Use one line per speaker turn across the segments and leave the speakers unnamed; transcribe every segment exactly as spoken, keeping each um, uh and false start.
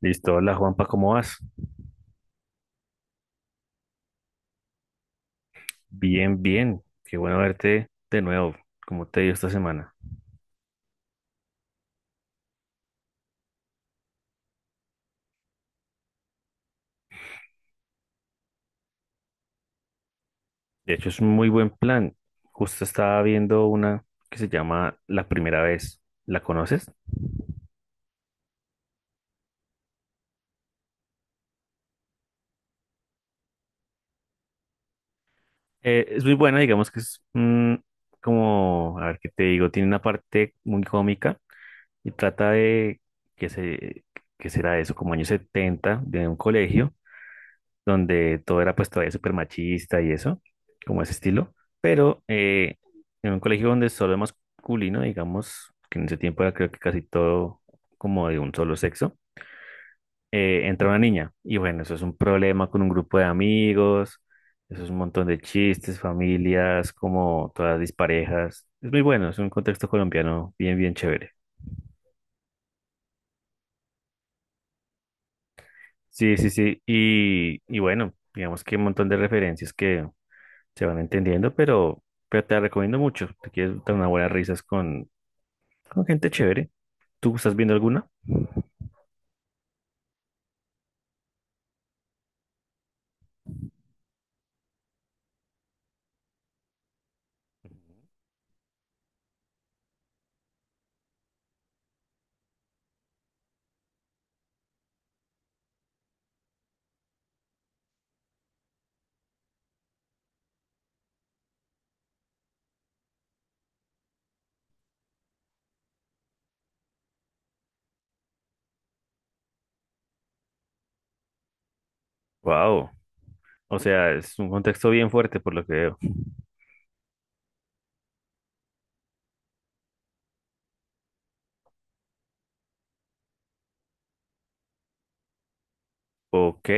Listo, hola Juanpa, ¿cómo vas? Bien, bien, qué bueno verte de nuevo, ¿cómo te dio esta semana? De hecho, es un muy buen plan. Justo estaba viendo una que se llama La Primera Vez, ¿la conoces? Eh, es muy buena, digamos que es mm, como, a ver qué te digo, tiene una parte muy cómica y trata de, que se, ¿que será eso? Como años setenta, de un colegio donde todo era pues todavía súper machista y eso, como ese estilo, pero eh, en un colegio donde solo es masculino, digamos, que en ese tiempo era creo que casi todo como de un solo sexo, eh, entra una niña y bueno, eso es un problema con un grupo de amigos, eso es un montón de chistes, familias, como todas disparejas, es muy bueno, es un contexto colombiano bien, bien chévere. Sí, sí, sí, y, y bueno, digamos que un montón de referencias que se van entendiendo, pero, pero te la recomiendo mucho. Te quieres dar unas buenas risas con, con gente chévere. ¿Tú estás viendo alguna? Wow. O sea, es un contexto bien fuerte por lo que veo. Ok.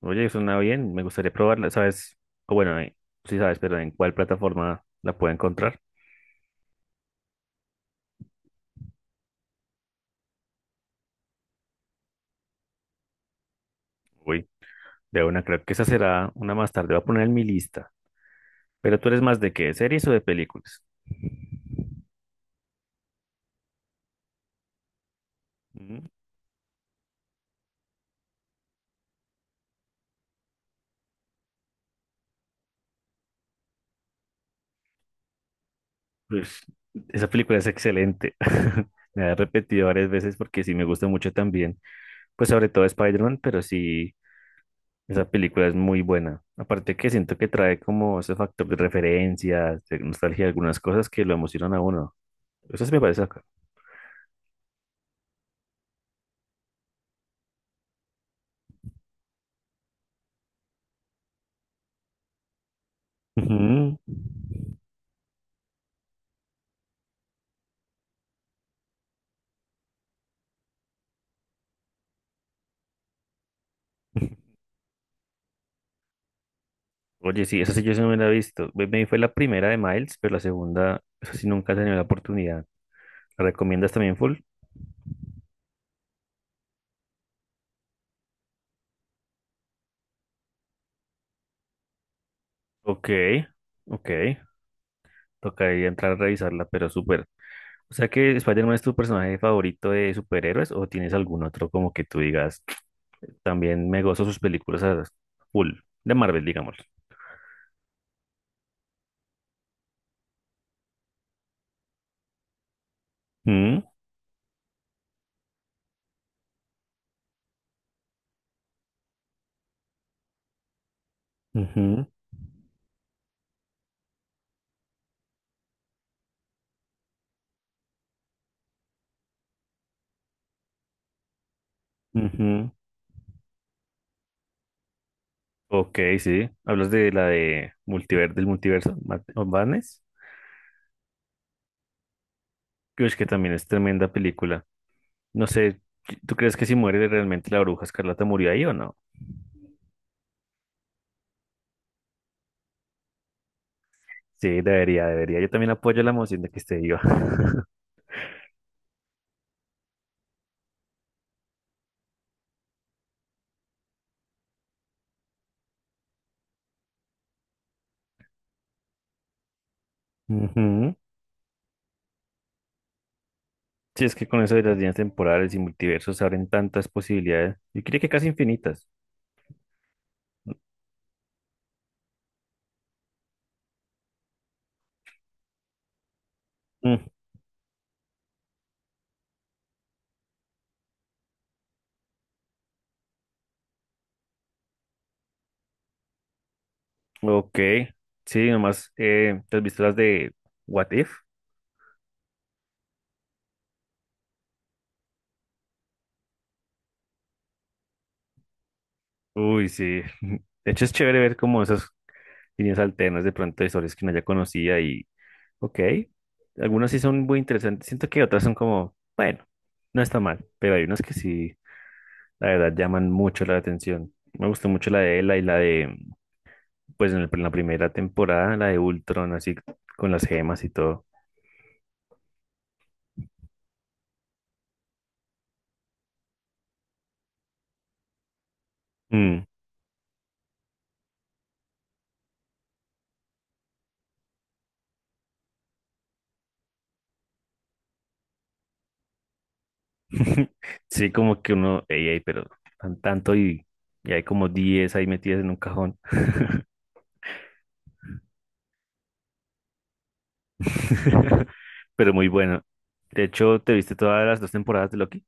Oye, suena bien. Me gustaría probarla. ¿Sabes? O bueno, eh, sí sabes, pero ¿en cuál plataforma la puedo encontrar? Uy, de una, creo que esa será una más tarde. Voy a poner en mi lista. Pero ¿tú eres más de qué, series o de películas? Mm. Pues esa película es excelente. Me la he repetido varias veces porque sí me gusta mucho también. Pues sobre todo Spider-Man, pero sí, esa película es muy buena. Aparte que siento que trae como ese factor de referencias, de nostalgia, algunas cosas que lo emocionan a uno. Eso sí me parece acá. Ujú. Oye, sí, esa sí yo sí no me la he visto. Me me vi fue la primera de Miles, pero la segunda, esa sí nunca he tenido la oportunidad. ¿La recomiendas también full? Ok, ok. Tocaría entrar a revisarla, pero súper. O sea que Spider-Man es tu personaje favorito de superhéroes, o tienes algún otro como que tú digas también me gozo sus películas a full, de Marvel, digámoslo. Mm, ujú, ujú. Ok, sí. Hablas de la de multiver, del multiverso, Mad- of Madness. Creo que también es tremenda película. No sé, ¿tú crees que si muere realmente la bruja escarlata murió ahí o no? Sí, debería, debería. Yo también apoyo la moción de que esté viva. Ujú. Sí, es que con eso de las líneas temporales y multiversos se abren tantas posibilidades. Yo diría que casi infinitas. Ok, sí, nomás, eh, ¿te has visto las de What If? Uy, sí. De hecho, es chévere ver como esas líneas alternas de pronto de historias que uno ya conocía y, ok, algunas sí son muy interesantes. Siento que otras son como, bueno, no está mal, pero hay unas que sí, la verdad, llaman mucho la atención. Me gustó mucho la de Ela y la de, pues en, el- en la primera temporada, la de Ultron, así con las gemas y todo. Mm. Sí, como que uno, ey, ey, pero tan- tanto y, y hay como diez ahí metidas en un cajón. Pero muy bueno. De hecho, ¿te viste todas las dos temporadas de Loki?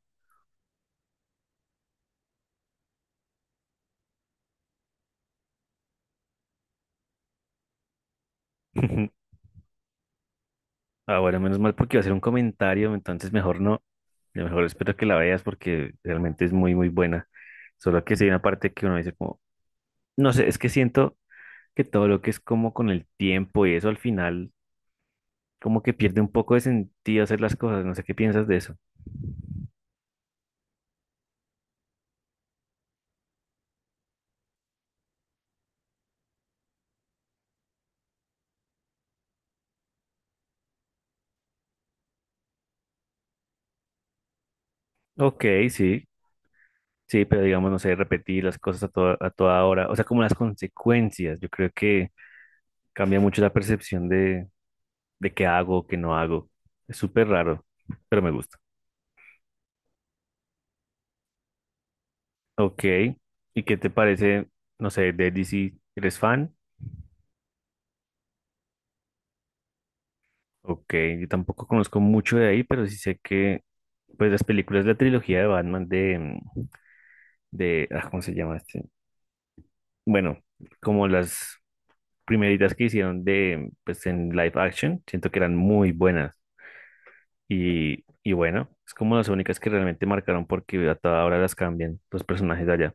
Ah, bueno, menos mal porque iba a ser un comentario, entonces mejor no. Yo mejor espero que la veas porque realmente es muy, muy buena. Solo que sí hay una parte que uno dice como, no sé, es que siento que todo lo que es como con el tiempo y eso al final como que pierde un poco de sentido hacer las cosas. No sé qué piensas de eso. Ok, sí. Sí, pero digamos, no sé, repetir las cosas a toda, a toda hora, o sea, como las consecuencias, yo creo que cambia mucho la percepción de, de qué hago o qué no hago. Es súper raro, pero me gusta. Ok, ¿y qué te parece, no sé, de D C? ¿Eres fan? Ok, yo tampoco conozco mucho de ahí, pero sí sé que, pues, las películas de la trilogía de Batman de, mm, de, ah, ¿cómo se llama este? Bueno, como las primeritas que hicieron de, pues, en live action, siento que eran muy buenas. Y, y bueno, es como las únicas que realmente marcaron porque a toda hora las cambian los personajes de allá.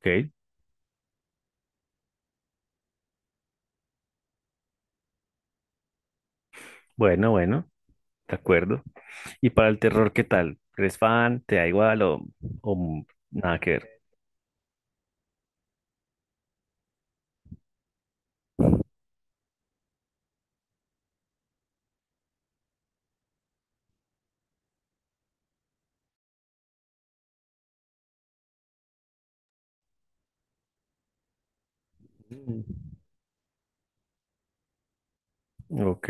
Ok, bueno, bueno, de acuerdo. ¿Y para el terror, qué tal? ¿Eres fan? ¿Te da igual o, o nada que ver? Mm. Ok,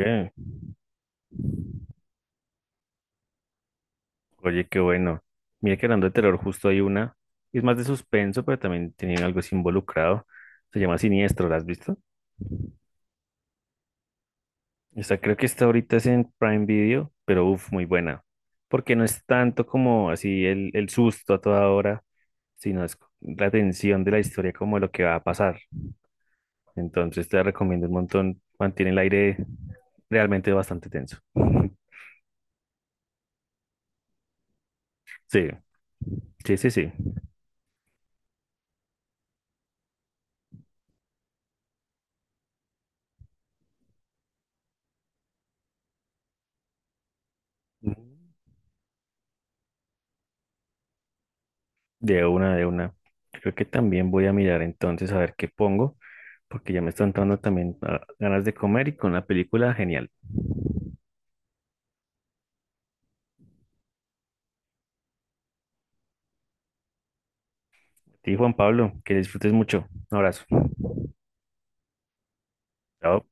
oye, qué bueno. Mira que hablando de terror, justo hay una. Es más de suspenso, pero también tiene algo así involucrado. Se llama Siniestro, ¿la has visto? Esta creo que está ahorita es en Prime Video, pero uff, muy buena. Porque no es tanto como así el, el susto a toda hora, sino es la tensión de la historia como lo que va a pasar. Entonces te la recomiendo un montón. Mantiene el aire realmente bastante tenso. Sí, sí, sí, sí. De una, de una. Creo que también voy a mirar entonces a ver qué pongo, porque ya me están dando también ah, ganas de comer y con la película, genial. Y Juan Pablo, que disfrutes mucho. Un abrazo. Chao.